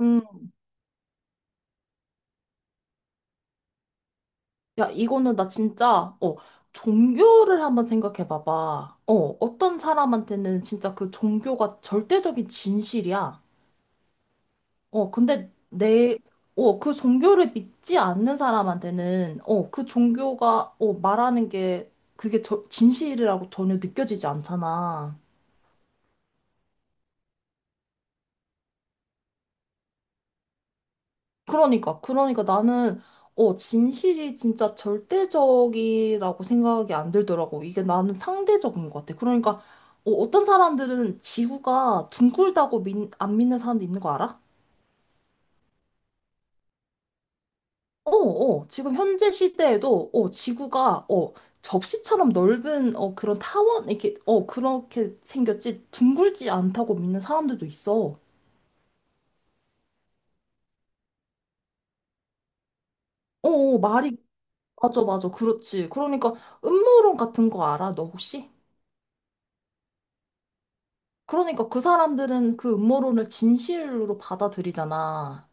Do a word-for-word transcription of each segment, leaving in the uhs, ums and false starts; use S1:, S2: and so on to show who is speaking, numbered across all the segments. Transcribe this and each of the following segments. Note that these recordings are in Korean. S1: 음, 야, 이거는 나 진짜, 어, 종교를 한번 생각해 봐봐. 어, 어떤 사람한테는 진짜 그 종교가 절대적인 진실이야. 어, 근데 내, 어, 그 종교를 믿지 않는 사람한테는, 어, 그 종교가, 어, 말하는 게 그게 저, 진실이라고 전혀 느껴지지 않잖아. 그러니까, 그러니까 나는, 어, 진실이 진짜 절대적이라고 생각이 안 들더라고. 이게 나는 상대적인 것 같아. 그러니까, 어, 어떤 사람들은 지구가 둥글다고 민, 안 믿는 사람도 있는 거 알아? 어, 어, 지금 현재 시대에도, 어, 지구가, 어, 접시처럼 넓은, 어, 그런 타원, 이렇게, 어, 그렇게 생겼지, 둥글지 않다고 믿는 사람들도 있어. 어, 어, 말이, 맞아, 맞아, 그렇지. 그러니까, 음모론 같은 거 알아, 너 혹시? 그러니까 그 사람들은 그 음모론을 진실로 받아들이잖아.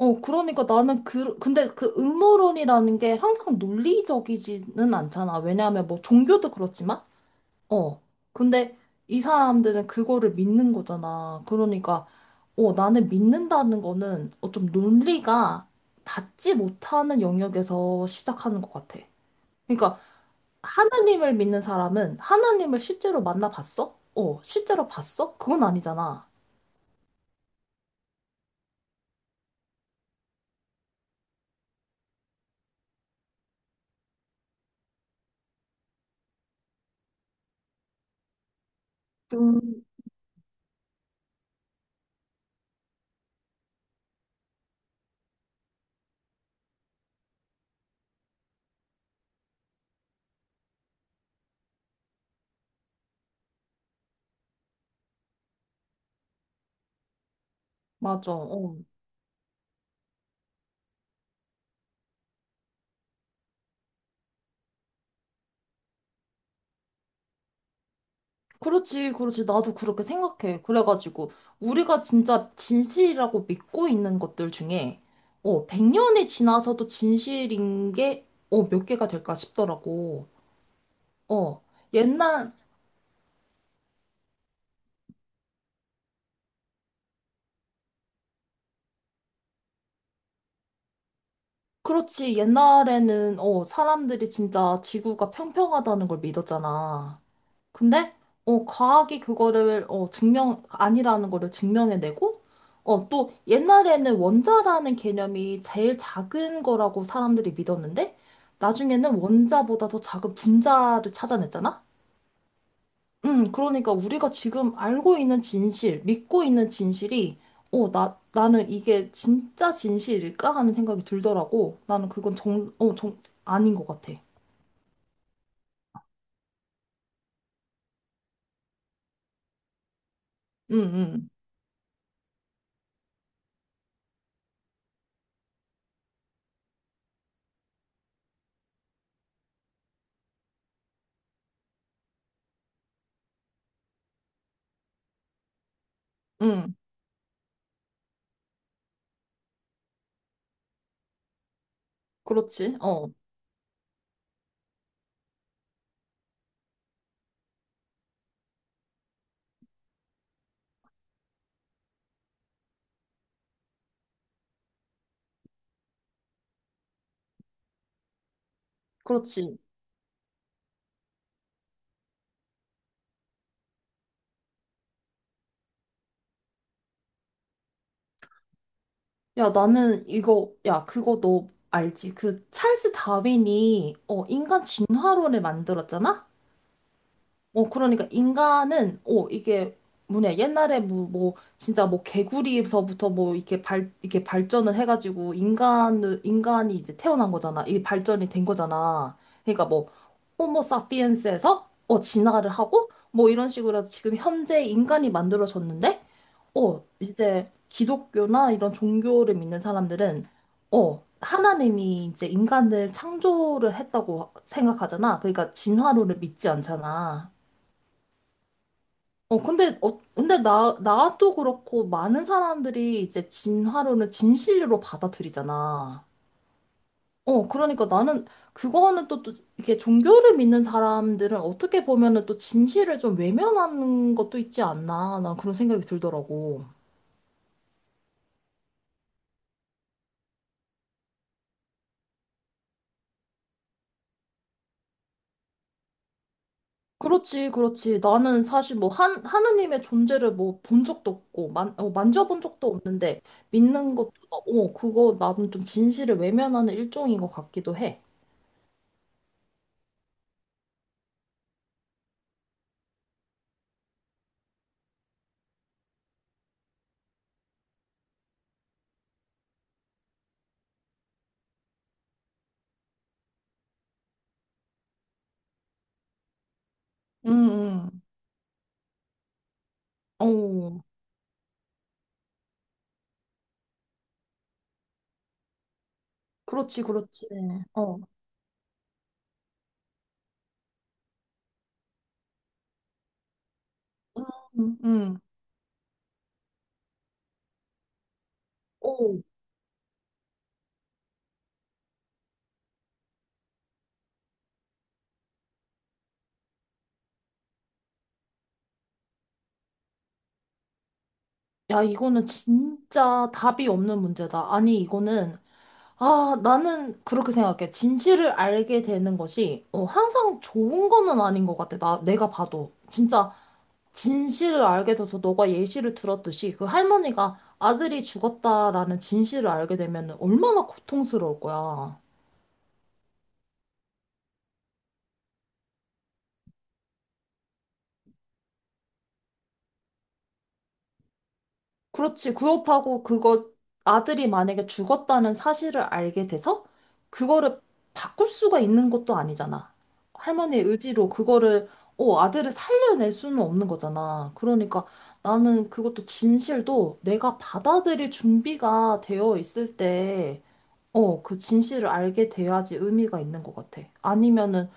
S1: 어, 그러니까 나는 그, 근데 그 음모론이라는 게 항상 논리적이지는 않잖아. 왜냐하면 뭐 종교도 그렇지만, 어. 근데 이 사람들은 그거를 믿는 거잖아. 그러니까, 어, 나는 믿는다는 거는 어, 좀 논리가 닿지 못하는 영역에서 시작하는 것 같아. 그러니까 하나님을 믿는 사람은 하나님을 실제로 만나봤어? 어, 실제로 봤어? 그건 아니잖아. 음, 맞아. 어. 그렇지, 그렇지. 나도 그렇게 생각해. 그래가지고, 우리가 진짜 진실이라고 믿고 있는 것들 중에, 어, 백 년이 지나서도 진실인 게, 어, 몇 개가 될까 싶더라고. 어, 옛날, 그렇지. 옛날에는, 어, 사람들이 진짜 지구가 평평하다는 걸 믿었잖아. 근데 어 과학이 그거를 어 증명 아니라는 거를 증명해내고 어 또 옛날에는 원자라는 개념이 제일 작은 거라고 사람들이 믿었는데 나중에는 원자보다 더 작은 분자를 찾아냈잖아. 음 그러니까 우리가 지금 알고 있는 진실, 믿고 있는 진실이 어 나 나는 이게 진짜 진실일까 하는 생각이 들더라고. 나는 그건 정, 어, 정 아닌 것 같아. 응, 응, 응. 그렇지. 어, 그렇지. 야, 나는 이거, 야, 그거 너 알지? 그 찰스 다윈이, 어, 인간 진화론을 만들었잖아? 어, 그러니까 인간은, 어, 이게 뭐냐, 옛날에 뭐, 뭐, 진짜 뭐 개구리에서부터 뭐, 이렇게 발, 이렇게 발전을 해가지고, 인간, 인간이 이제 태어난 거잖아. 이게 발전이 된 거잖아. 그러니까 뭐, 호모 사피엔스에서, 어, 진화를 하고, 뭐 이런 식으로 해서 지금 현재 인간이 만들어졌는데, 어, 이제 기독교나 이런 종교를 믿는 사람들은, 어, 하나님이 이제 인간을 창조를 했다고 생각하잖아. 그러니까 진화론을 믿지 않잖아. 어, 근데, 어, 근데 나, 나도 그렇고, 많은 사람들이 이제 진화론을 진실로 받아들이잖아. 어, 그러니까 나는 그거는 또, 또, 이렇게 종교를 믿는 사람들은 어떻게 보면은 또 진실을 좀 외면하는 것도 있지 않나. 난 그런 생각이 들더라고. 그렇지, 그렇지. 나는 사실 뭐, 한, 하느님의 존재를 뭐, 본 적도 없고, 만, 어, 만져본 적도 없는데, 믿는 것도, 어, 그거 나는 좀 진실을 외면하는 일종인 것 같기도 해. 응 응. 어. 그렇지, 그렇지. 어. 음, 음. 오, 야, 이거는 진짜 답이 없는 문제다. 아니, 이거는, 아, 나는 그렇게 생각해. 진실을 알게 되는 것이, 어, 항상 좋은 거는 아닌 것 같아. 나, 내가 봐도. 진짜, 진실을 알게 돼서 너가 예시를 들었듯이, 그 할머니가 아들이 죽었다라는 진실을 알게 되면 얼마나 고통스러울 거야. 그렇지. 그렇다고 그거 아들이 만약에 죽었다는 사실을 알게 돼서 그거를 바꿀 수가 있는 것도 아니잖아. 할머니의 의지로 그거를 어, 아들을 살려낼 수는 없는 거잖아. 그러니까 나는 그것도 진실도 내가 받아들일 준비가 되어 있을 때 어, 그 진실을 알게 돼야지 의미가 있는 것 같아. 아니면은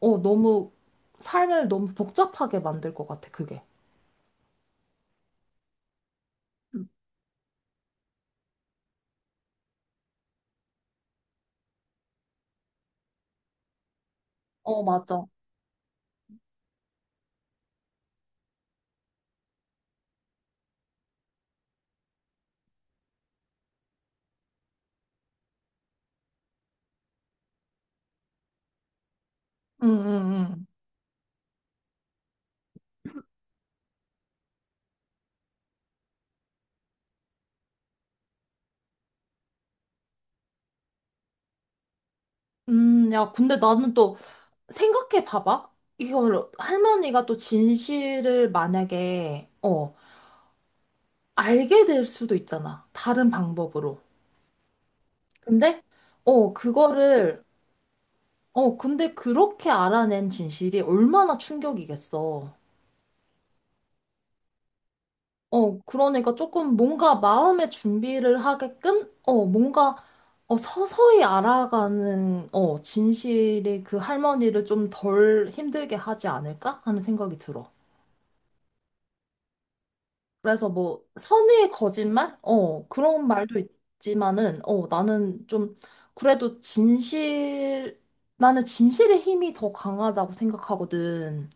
S1: 어, 너무 삶을 너무 복잡하게 만들 것 같아, 그게. 어, 맞아. 응, 응, 응. 음, 야, 근데 나는 또 생각해 봐봐. 이걸 할머니가 또 진실을 만약에, 어, 알게 될 수도 있잖아. 다른 방법으로. 근데, 어, 그거를, 어, 근데 그렇게 알아낸 진실이 얼마나 충격이겠어. 어, 그러니까 조금 뭔가 마음의 준비를 하게끔, 어, 뭔가, 어, 서서히 알아가는, 어, 진실이 그 할머니를 좀 덜 힘들게 하지 않을까? 하는 생각이 들어. 그래서 뭐 선의의 거짓말? 어, 그런 말도 있지만은 어, 나는 좀 그래도 진실 나는 진실의 힘이 더 강하다고 생각하거든.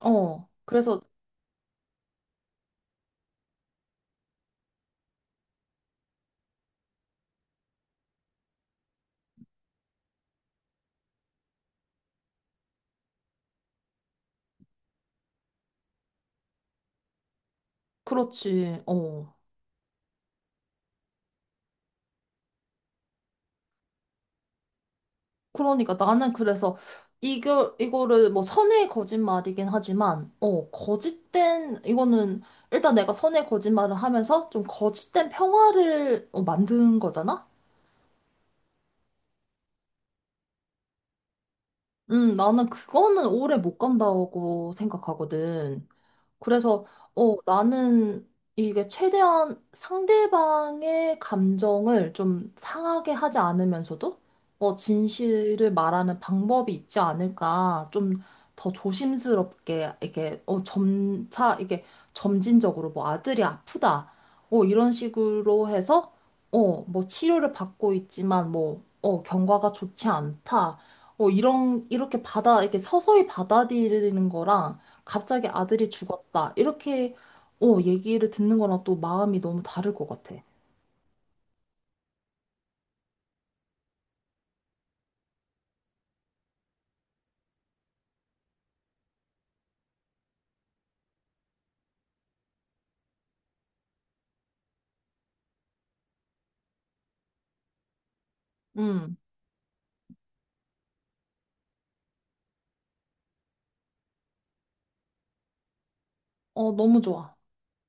S1: 어, 그래서 그렇지. 어. 그러니까 나는 그래서 이거 이거를 뭐 선의의 거짓말이긴 하지만 어, 거짓된 이거는 일단 내가 선의의 거짓말을 하면서 좀 거짓된 평화를 어, 만든 거잖아. 음, 나는 그거는 오래 못 간다고 생각하거든. 그래서 어, 나는 이게 최대한 상대방의 감정을 좀 상하게 하지 않으면서도 어, 진실을 말하는 방법이 있지 않을까 좀 더 조심스럽게 이게 어, 점차 이게 점진적으로 뭐 아들이 아프다 어, 이런 식으로 해서 어, 뭐 치료를 받고 있지만 뭐 어, 경과가 좋지 않다 어, 이런 이렇게 받아 이렇게 서서히 받아들이는 거랑 갑자기 아들이 죽었다. 이렇게, 어, 얘기를 듣는 거랑 또 마음이 너무 다를 것 같아. 음, 어, 너무 좋아.